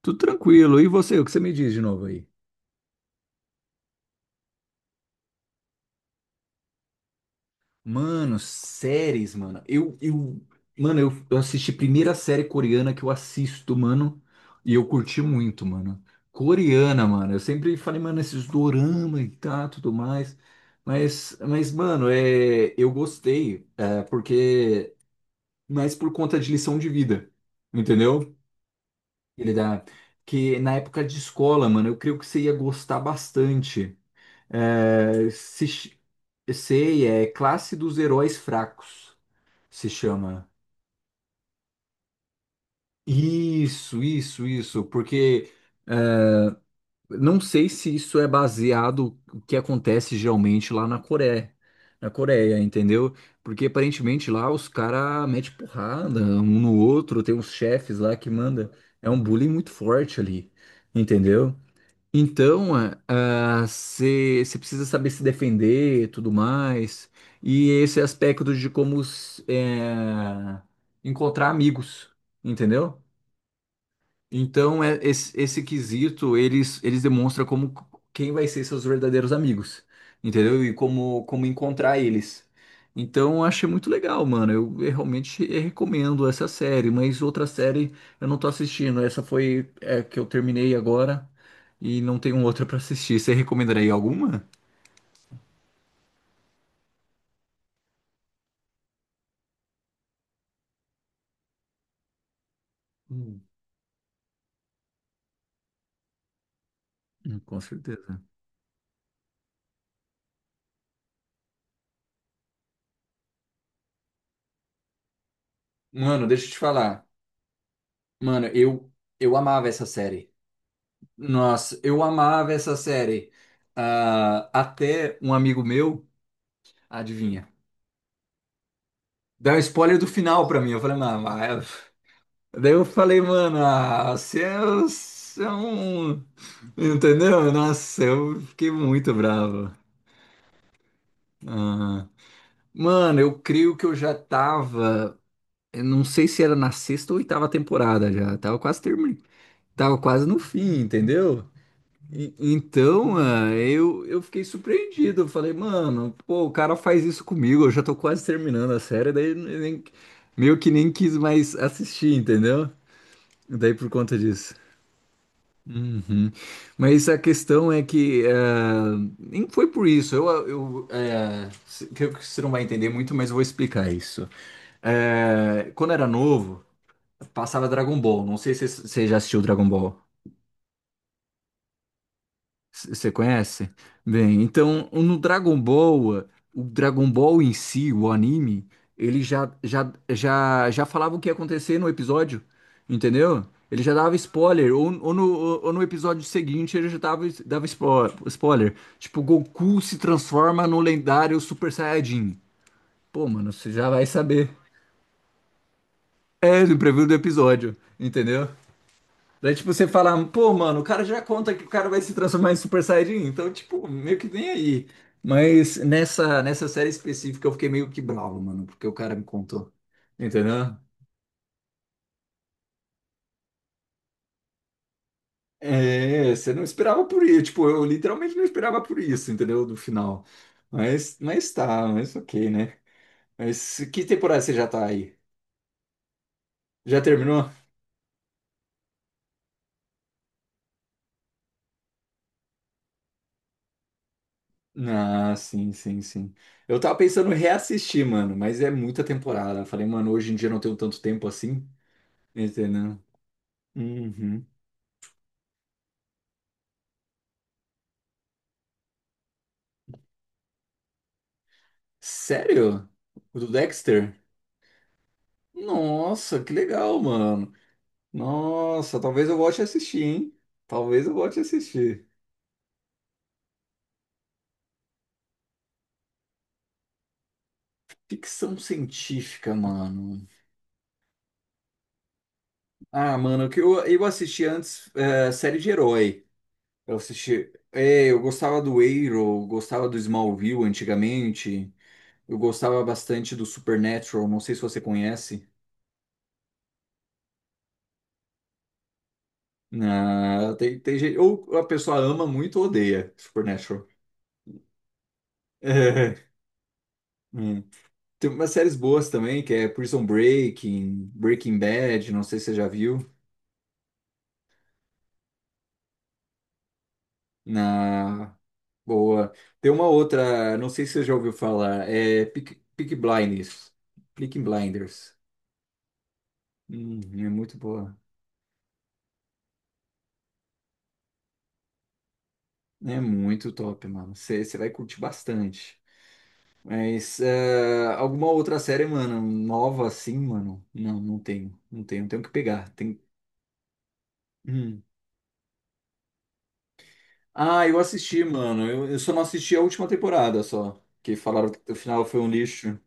Tudo tranquilo. E você, o que você me diz de novo aí? Mano, séries, mano. Mano, eu assisti a primeira série coreana que eu assisto, mano. E eu curti muito, mano. Coreana, mano. Eu sempre falei, mano, esses dorama e tá, tudo mais. Mano, eu gostei, porque, mas por conta de lição de vida, entendeu? Ele dá que na época de escola, mano, eu creio que você ia gostar bastante. É, se sei, é Classe dos Heróis Fracos, se chama. Isso, porque não sei se isso é baseado o que acontece geralmente lá na Coreia, entendeu? Porque aparentemente lá os caras metem porrada um no outro, tem uns chefes lá que manda. É um bullying muito forte ali, entendeu? Então, você precisa saber se defender e tudo mais. E esse aspecto de como encontrar amigos, entendeu? Então, esse quesito, eles demonstram como quem vai ser seus verdadeiros amigos, entendeu? E como encontrar eles. Então, eu achei muito legal, mano. Eu realmente recomendo essa série, mas outra série eu não tô assistindo. Essa foi que eu terminei agora e não tenho outra pra assistir. Você recomendaria alguma? Hum. Com certeza. Mano, deixa eu te falar. Mano, eu amava essa série. Nossa, eu amava essa série. Ah, até um amigo meu, adivinha, deu um spoiler do final pra mim. Eu falei, mano, mas... Daí eu falei, mano, ah, você é um. Entendeu? Nossa, eu fiquei muito bravo. Ah, mano, eu creio que eu já tava. Eu não sei se era na sexta ou oitava temporada já. Tava quase terminando. Tava quase no fim, entendeu? Então, mano, eu fiquei surpreendido. Eu falei, mano, pô, o cara faz isso comigo. Eu já tô quase terminando a série, daí eu nem, meio que nem quis mais assistir, entendeu? Daí por conta disso. Uhum. Mas a questão é que nem foi por isso. Eu, eh, se- que você não vai entender muito, mas eu vou explicar isso. Quando era novo, passava Dragon Ball. Não sei se você já assistiu Dragon Ball. Você conhece? Bem, então no Dragon Ball, o Dragon Ball em si, o anime, ele já falava o que ia acontecer no episódio, entendeu? Ele já dava spoiler, ou no episódio seguinte ele já dava spoiler. Tipo, Goku se transforma no lendário Super Saiyajin. Pô, mano, você já vai saber. É, no preview do episódio, entendeu? Daí, tipo, você fala, pô, mano, o cara já conta que o cara vai se transformar em Super Saiyajin, então, tipo, meio que nem aí. Mas nessa série específica eu fiquei meio que bravo, mano, porque o cara me contou. Entendeu? É, você não esperava por isso. Tipo, eu literalmente não esperava por isso, entendeu? Do final. Mas tá, mas ok, né? Mas que temporada você já tá aí? Já terminou? Ah, sim, sim, sim. Eu tava pensando em reassistir, mano, mas é muita temporada. Eu falei, mano, hoje em dia eu não tenho tanto tempo assim. Entendeu? Uhum. Sério? O do Dexter? Nossa, que legal, mano. Nossa, talvez eu volte a assistir, hein? Talvez eu volte a assistir. Ficção científica, mano. Ah, mano, que eu assisti antes série de herói. Eu assisti. É, eu gostava do Arrow, gostava do Smallville antigamente. Eu gostava bastante do Supernatural, não sei se você conhece. Ah, tem gente. Ou a pessoa ama muito ou odeia Supernatural. Tem umas séries boas também, que é Prison Breaking, Breaking Bad, não sei se você já viu. Na boa. Tem uma outra, não sei se você já ouviu falar, é Peaky Blinders. Peaky Blinders. É muito boa. É muito top, mano. Você vai curtir bastante. Mas alguma outra série, mano, nova assim, mano? Não, não tenho. Não tenho. Tenho que pegar. Tem... hum. Ah, eu assisti, mano. Eu só não assisti a última temporada só. Que falaram que o final foi um lixo.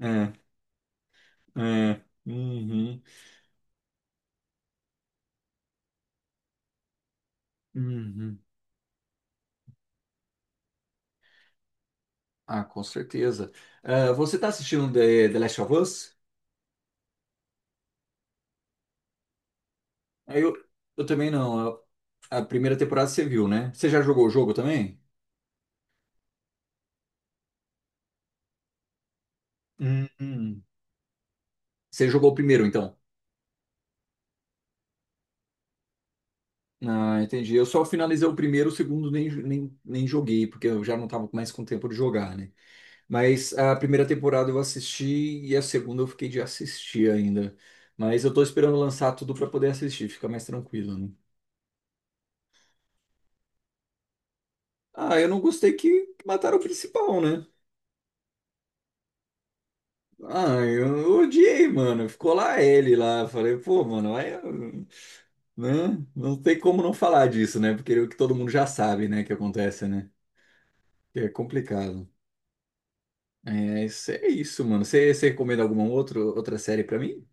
É, é. Uhum, uhum. Ah, com certeza. Ah, você tá assistindo The Last of Us? Ah, eu também não. A primeira temporada você viu, né? Você já jogou o jogo também? Uhum. Você jogou o primeiro, então? Ah, entendi. Eu só finalizei o primeiro, o segundo nem joguei, porque eu já não tava mais com tempo de jogar, né? Mas a primeira temporada eu assisti e a segunda eu fiquei de assistir ainda. Mas eu tô esperando lançar tudo pra poder assistir, fica mais tranquilo, né? Ah, eu não gostei que mataram o principal, né? Ah, eu odiei, mano. Ficou lá ele lá. Falei, pô, mano, aí, né? Não tem como não falar disso, né? Porque o que todo mundo já sabe, né, que acontece, né? Que é complicado. É isso, mano. Você recomenda alguma outra série pra mim?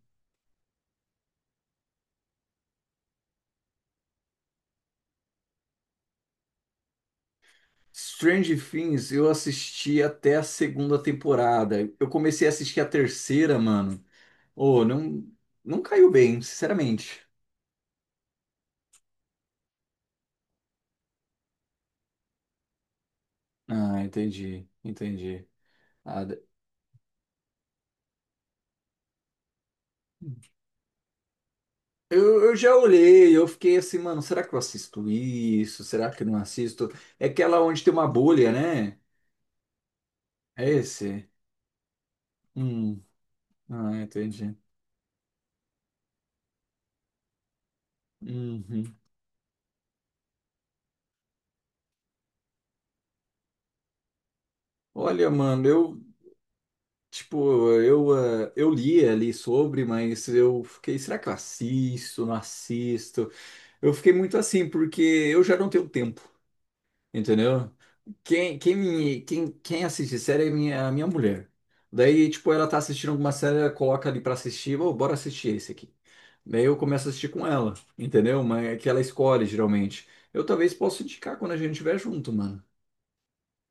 Strange Things, eu assisti até a segunda temporada. Eu comecei a assistir a terceira, mano. Oh, não, não caiu bem, sinceramente. Ah, entendi, entendi. Ah, eu já olhei, eu fiquei assim, mano, será que eu assisto isso? Será que eu não assisto? É aquela onde tem uma bolha, né? É esse? Hum, entendi. Uhum. Olha, mano, eu Tipo, eu li ali sobre, mas eu fiquei, será que eu assisto, não assisto? Eu fiquei muito assim, porque eu já não tenho tempo, entendeu? Quem assiste série é a minha mulher. Daí, tipo, ela tá assistindo alguma série, ela coloca ali pra assistir, ô, bora assistir esse aqui. Daí eu começo a assistir com ela, entendeu? Mas é que ela escolhe, geralmente. Eu talvez possa indicar quando a gente estiver junto, mano.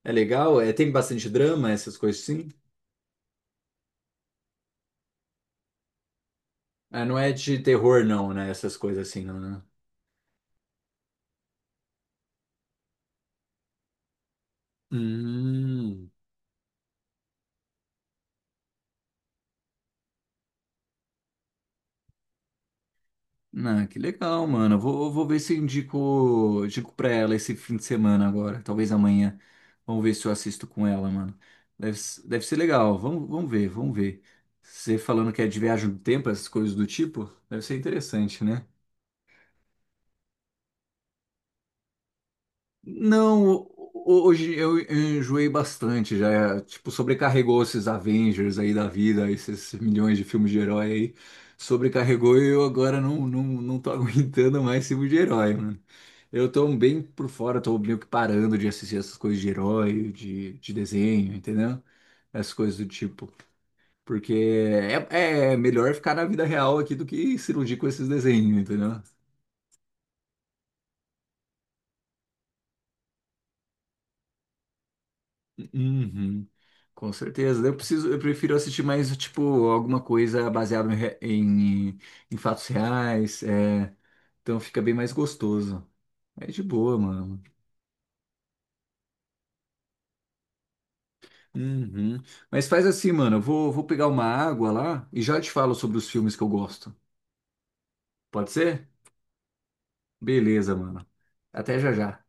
É legal, tem bastante drama, essas coisas assim? Ah, não é de terror, não, né? Essas coisas assim, não, né? Hum. Ah, que legal, mano. Eu vou ver se eu indico pra ela esse fim de semana agora. Talvez amanhã. Vamos ver se eu assisto com ela, mano. Deve ser legal. Vamos ver, vamos ver. Você falando que é de viagem do tempo, essas coisas do tipo, deve ser interessante, né? Não, hoje eu enjoei bastante, já, tipo, sobrecarregou esses Avengers aí da vida, esses milhões de filmes de herói aí, sobrecarregou e eu agora não tô aguentando mais filme de herói, mano. Eu tô bem por fora, tô meio que parando de assistir essas coisas de herói, de desenho, entendeu? Essas coisas do tipo, porque é melhor ficar na vida real aqui do que se iludir com esses desenhos, entendeu? Uhum, com certeza. Eu prefiro assistir mais, tipo, alguma coisa baseada em fatos reais. Então fica bem mais gostoso. É de boa, mano. Uhum. Mas faz assim, mano. Eu vou pegar uma água lá e já te falo sobre os filmes que eu gosto. Pode ser? Beleza, mano. Até já já.